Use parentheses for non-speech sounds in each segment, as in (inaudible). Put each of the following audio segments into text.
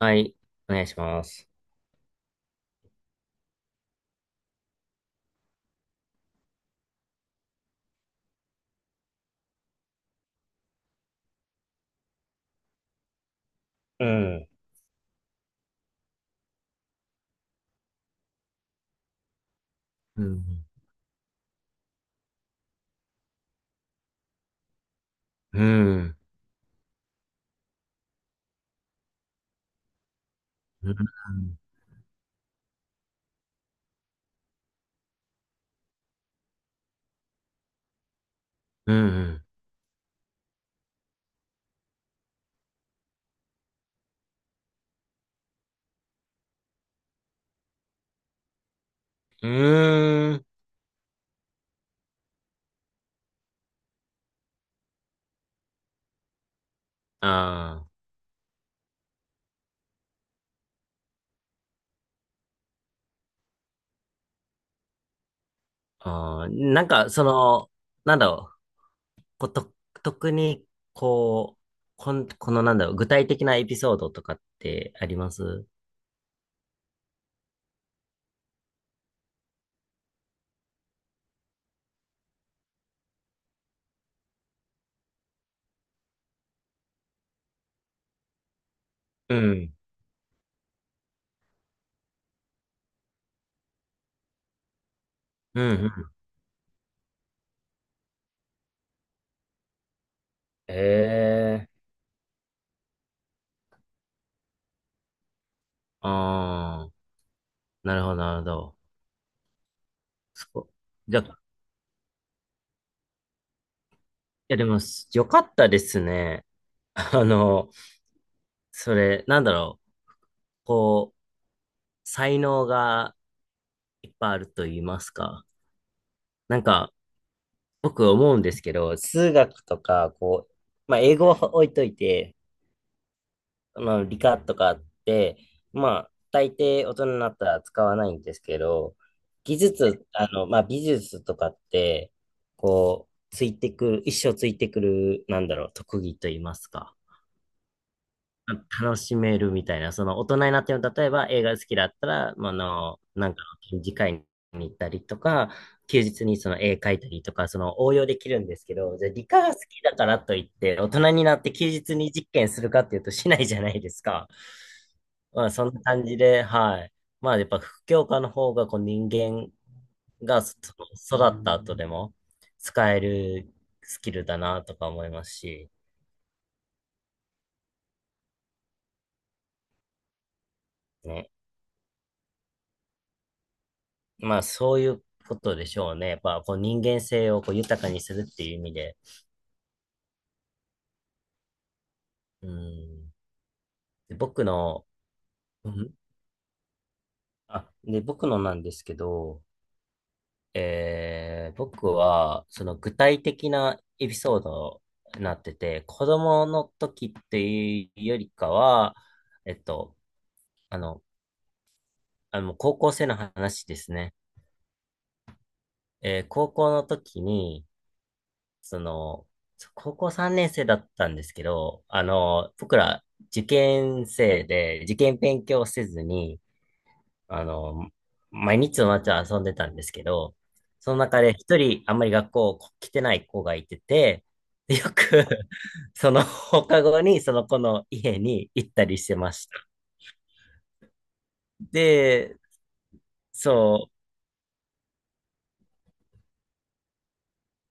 はい、お願いします。うん。うん。うん。うん。うん。うん。ああああ、なんか、その、なんだろう。こと、特に、こう、このなんだろう、具体的なエピソードとかってあります？うん。うん。うん。ええ。ああ。なるほど、なるほど。そこ。じゃ、いや、でも、よかったですね。あの、それ、なんだろう、こう、才能が、いっぱいあると言いますか。なんか、僕思うんですけど、数学とか、こう、まあ、英語は置いといて、まあ、理科とかって、まあ、大抵大人になったら使わないんですけど、技術、あの、まあ、美術とかって、こう、ついてくる、一生ついてくる、なんだろう、特技と言いますか。楽しめるみたいな、その大人になっても、例えば映画好きだったら、まああの、なんかの展示会に行ったりとか、休日にその絵描いたりとか、その応用できるんですけど、じゃあ理科が好きだからといって、大人になって休日に実験するかっていうとしないじゃないですか。まあそんな感じで、はい。まあやっぱ副教科の方がこう人間がその育った後でも使えるスキルだなとか思いますし、ね。まあ、そういうことでしょうね。やっぱ、こう、人間性をこう豊かにするっていう意味で。うん。で僕の、うん。あ、で、僕のなんですけど、僕は、その具体的なエピソードになってて、子供の時っていうよりかは、えっと、あの、あの、高校生の話ですね。高校の時に、その、高校3年生だったんですけど、あの、僕ら受験生で、受験勉強せずに、あの、毎日の夏は遊んでたんですけど、その中で一人あんまり学校来てない子がいてて、でよく (laughs) その放課後にその子の家に行ったりしてました。で、そう、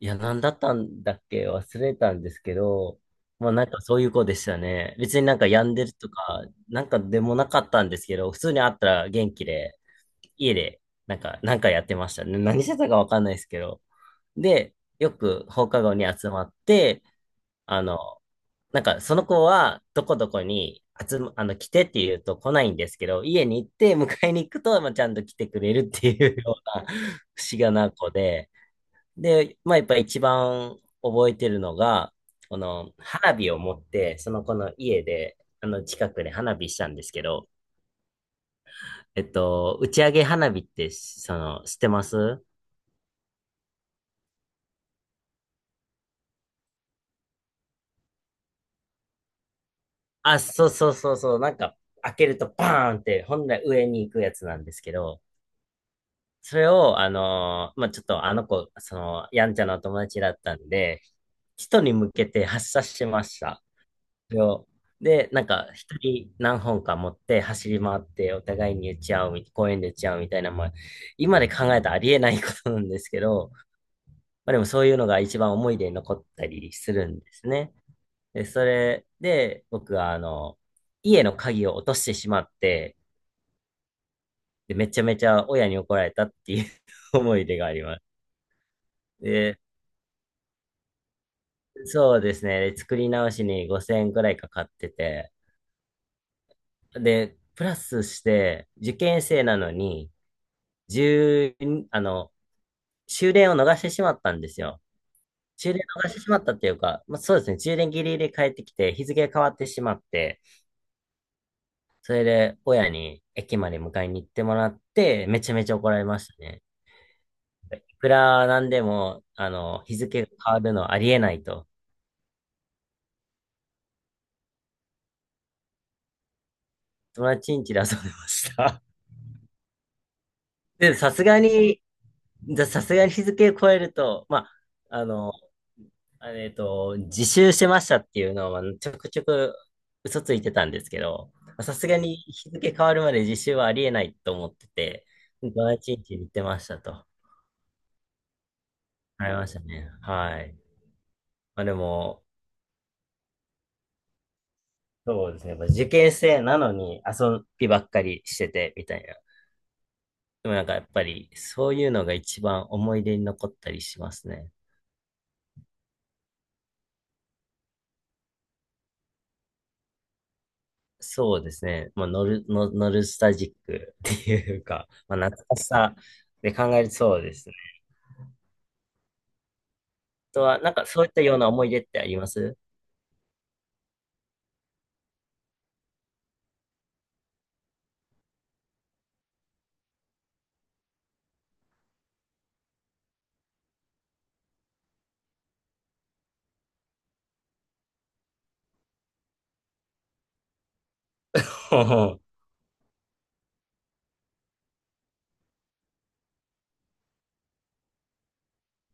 いや、なんだったんだっけ忘れたんですけど、まあなんかそういう子でしたね。別になんか病んでるとか、なんかでもなかったんですけど、普通に会ったら元気で、家で、なんかやってましたね。何してたかわかんないですけど。で、よく放課後に集まって、あの、なんかその子はどこどこにあの、来てって言うと来ないんですけど、家に行って迎えに行くと、まあ、ちゃんと来てくれるっていうような (laughs) 不思議な子で、で、まあ、やっぱ一番覚えてるのが、この花火を持って、その子の家で、あの近くで花火したんですけど、えっと、打ち上げ花火って、その、知ってます？あ、そうそうそうそう、なんか、開けるとバーンって、本来上に行くやつなんですけど、それを、あのーまあ、ちょっとあの子、その、やんちゃなお友達だったんで、人に向けて発射しました。よ。で、なんか、一人何本か持って走り回って、お互いに打ち合うみ、公園で打ち合うみたいな、まあ、今で考えたらありえないことなんですけど、まあでもそういうのが一番思い出に残ったりするんですね。で、それで、僕は、あの、家の鍵を落としてしまって、で、めちゃめちゃ親に怒られたっていう (laughs) 思い出があります。で、そうですね。で作り直しに5000円くらいかかってて、で、プラスして、受験生なのに、十、あの、終電を逃してしまったんですよ。終電逃してしまったっていうか、まあ、そうですね、終電ギリギリ帰ってきて、日付が変わってしまって、それで親に駅まで迎えに行ってもらって、めちゃめちゃ怒られましたね。いくらなんでも、あの、日付が変わるのはありえないと、友達ん家で遊んでました。(laughs) で、さすがに、さすがに日付を超えると、まあ、あの、自習してましたっていうのは、ちょくちょく嘘ついてたんですけど、さすがに日付変わるまで自習はありえないと思ってて、土日に行ってましたと。ありましたね。はい。まあでも、そうですね。やっぱ受験生なのに遊びばっかりしてて、みたいな。でもなんかやっぱり、そういうのが一番思い出に残ったりしますね。そうですね。まあ、ノルスタジックっていうか、まあ、懐かしさで考える、そうです。とは、なんかそういったような思い出ってあります？ほう。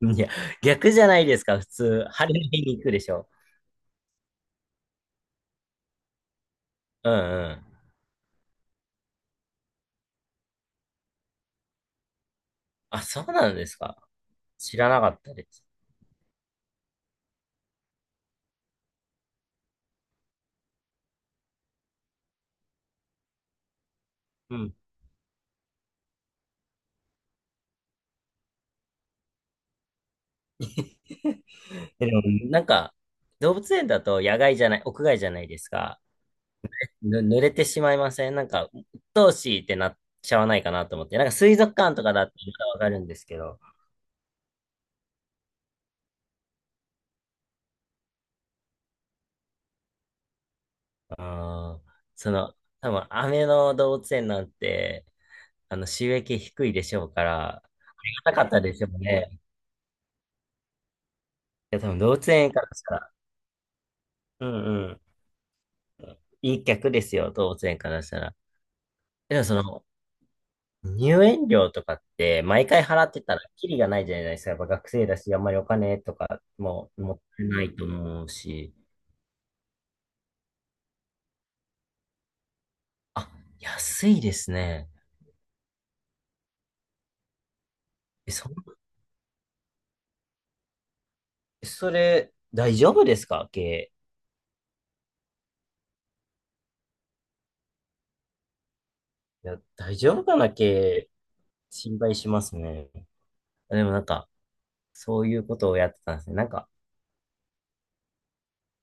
ほう。 (laughs) いや、逆じゃないですか、普通。晴れの日に行くでしょ。うんうん。あ、そうなんですか。知らなかったです。うん。(laughs) え、でも、なんか、動物園だと野外じゃない、屋外じゃないですか。濡れてしまいません？なんか、鬱陶しいってなっちゃわないかなと思って。なんか水族館とかだってまだわかるんですけど。あー、その、多分、雨の動物園なんて、あの、収益低いでしょうから、ありがたかったでしょうね。いや、多分動物園からしたら、うんうん、いい客ですよ、動物園からしたら。でもその、入園料とかって、毎回払ってたら、キリがないじゃないですか。やっぱ学生だし、あんまりお金とかも持ってないと思うし。あ、安いですね。え、そ、それ、大丈夫ですか経営？いや、大丈夫かな経営。心配しますね。でもなんか、そういうことをやってたんですね。なんか、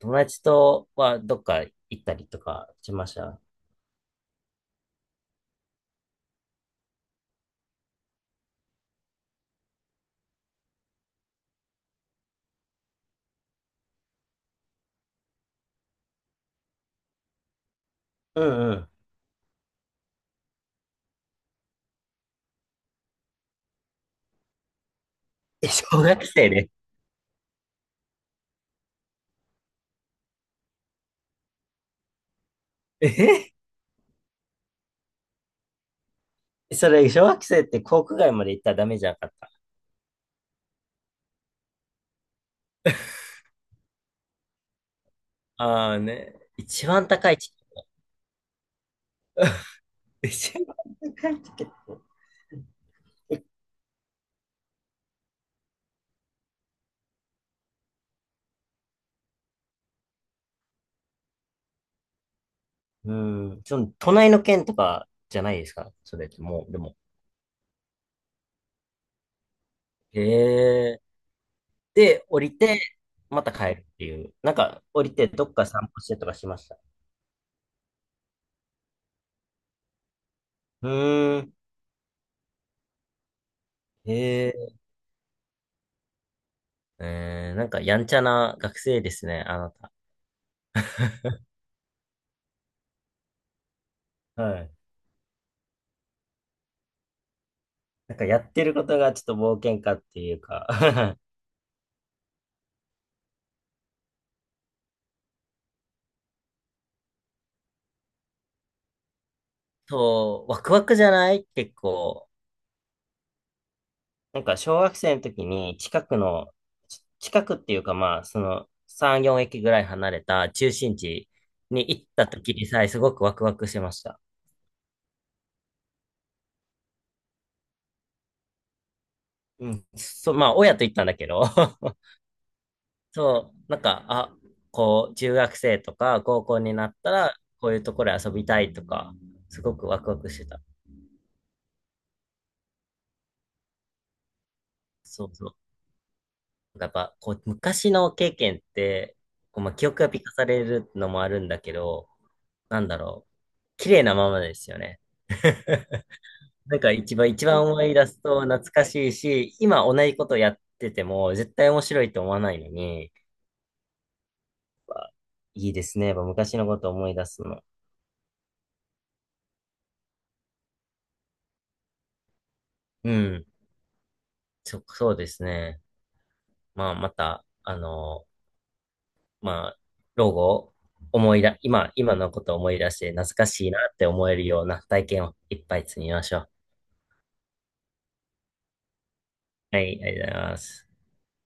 友達とはどっか行ったりとかしました？うんうん。え、小学生で。ええ、それ、小学生って航空街まで行ったらダメじゃなかった？ああね。一番高いチケット。(laughs) 一番高いチケット。うん。その、隣の県とかじゃないですか。それってもう、でも。へえ。で、降りて、また帰るっていう。なんか、降りてどっか散歩してとかしました？うーん。へえ。えー、なんか、やんちゃな学生ですね、あなた。(laughs) はい。なんかやってることがちょっと冒険家っていうか (laughs) そう、ワクワクじゃない結構？なんか小学生の時に近くの、近くっていうかまあ、その3、4駅ぐらい離れた中心地に行った時にさえすごくワクワクしました。うん。そう、まあ、親と行ったんだけど (laughs) そう、なんか、あ、こう、中学生とか高校になったら、こういうところで遊びたいとか、すごくワクワクしてた。そうそう。やっぱ、こう、昔の経験って、こう、まあ、記憶が美化されるのもあるんだけど、なんだろう、綺麗なままですよね。なんか一番思い出すと懐かしいし、今同じことやってても絶対面白いと思わないのに、やっぱいいですね。やっぱ昔のこと思い出すの。うん。そうですね。まあ、また、あの、まあ、老後、思い出、今のことを思い出して懐かしいなって思えるような体験をいっぱい積みましょう。はい、ありがとうございます。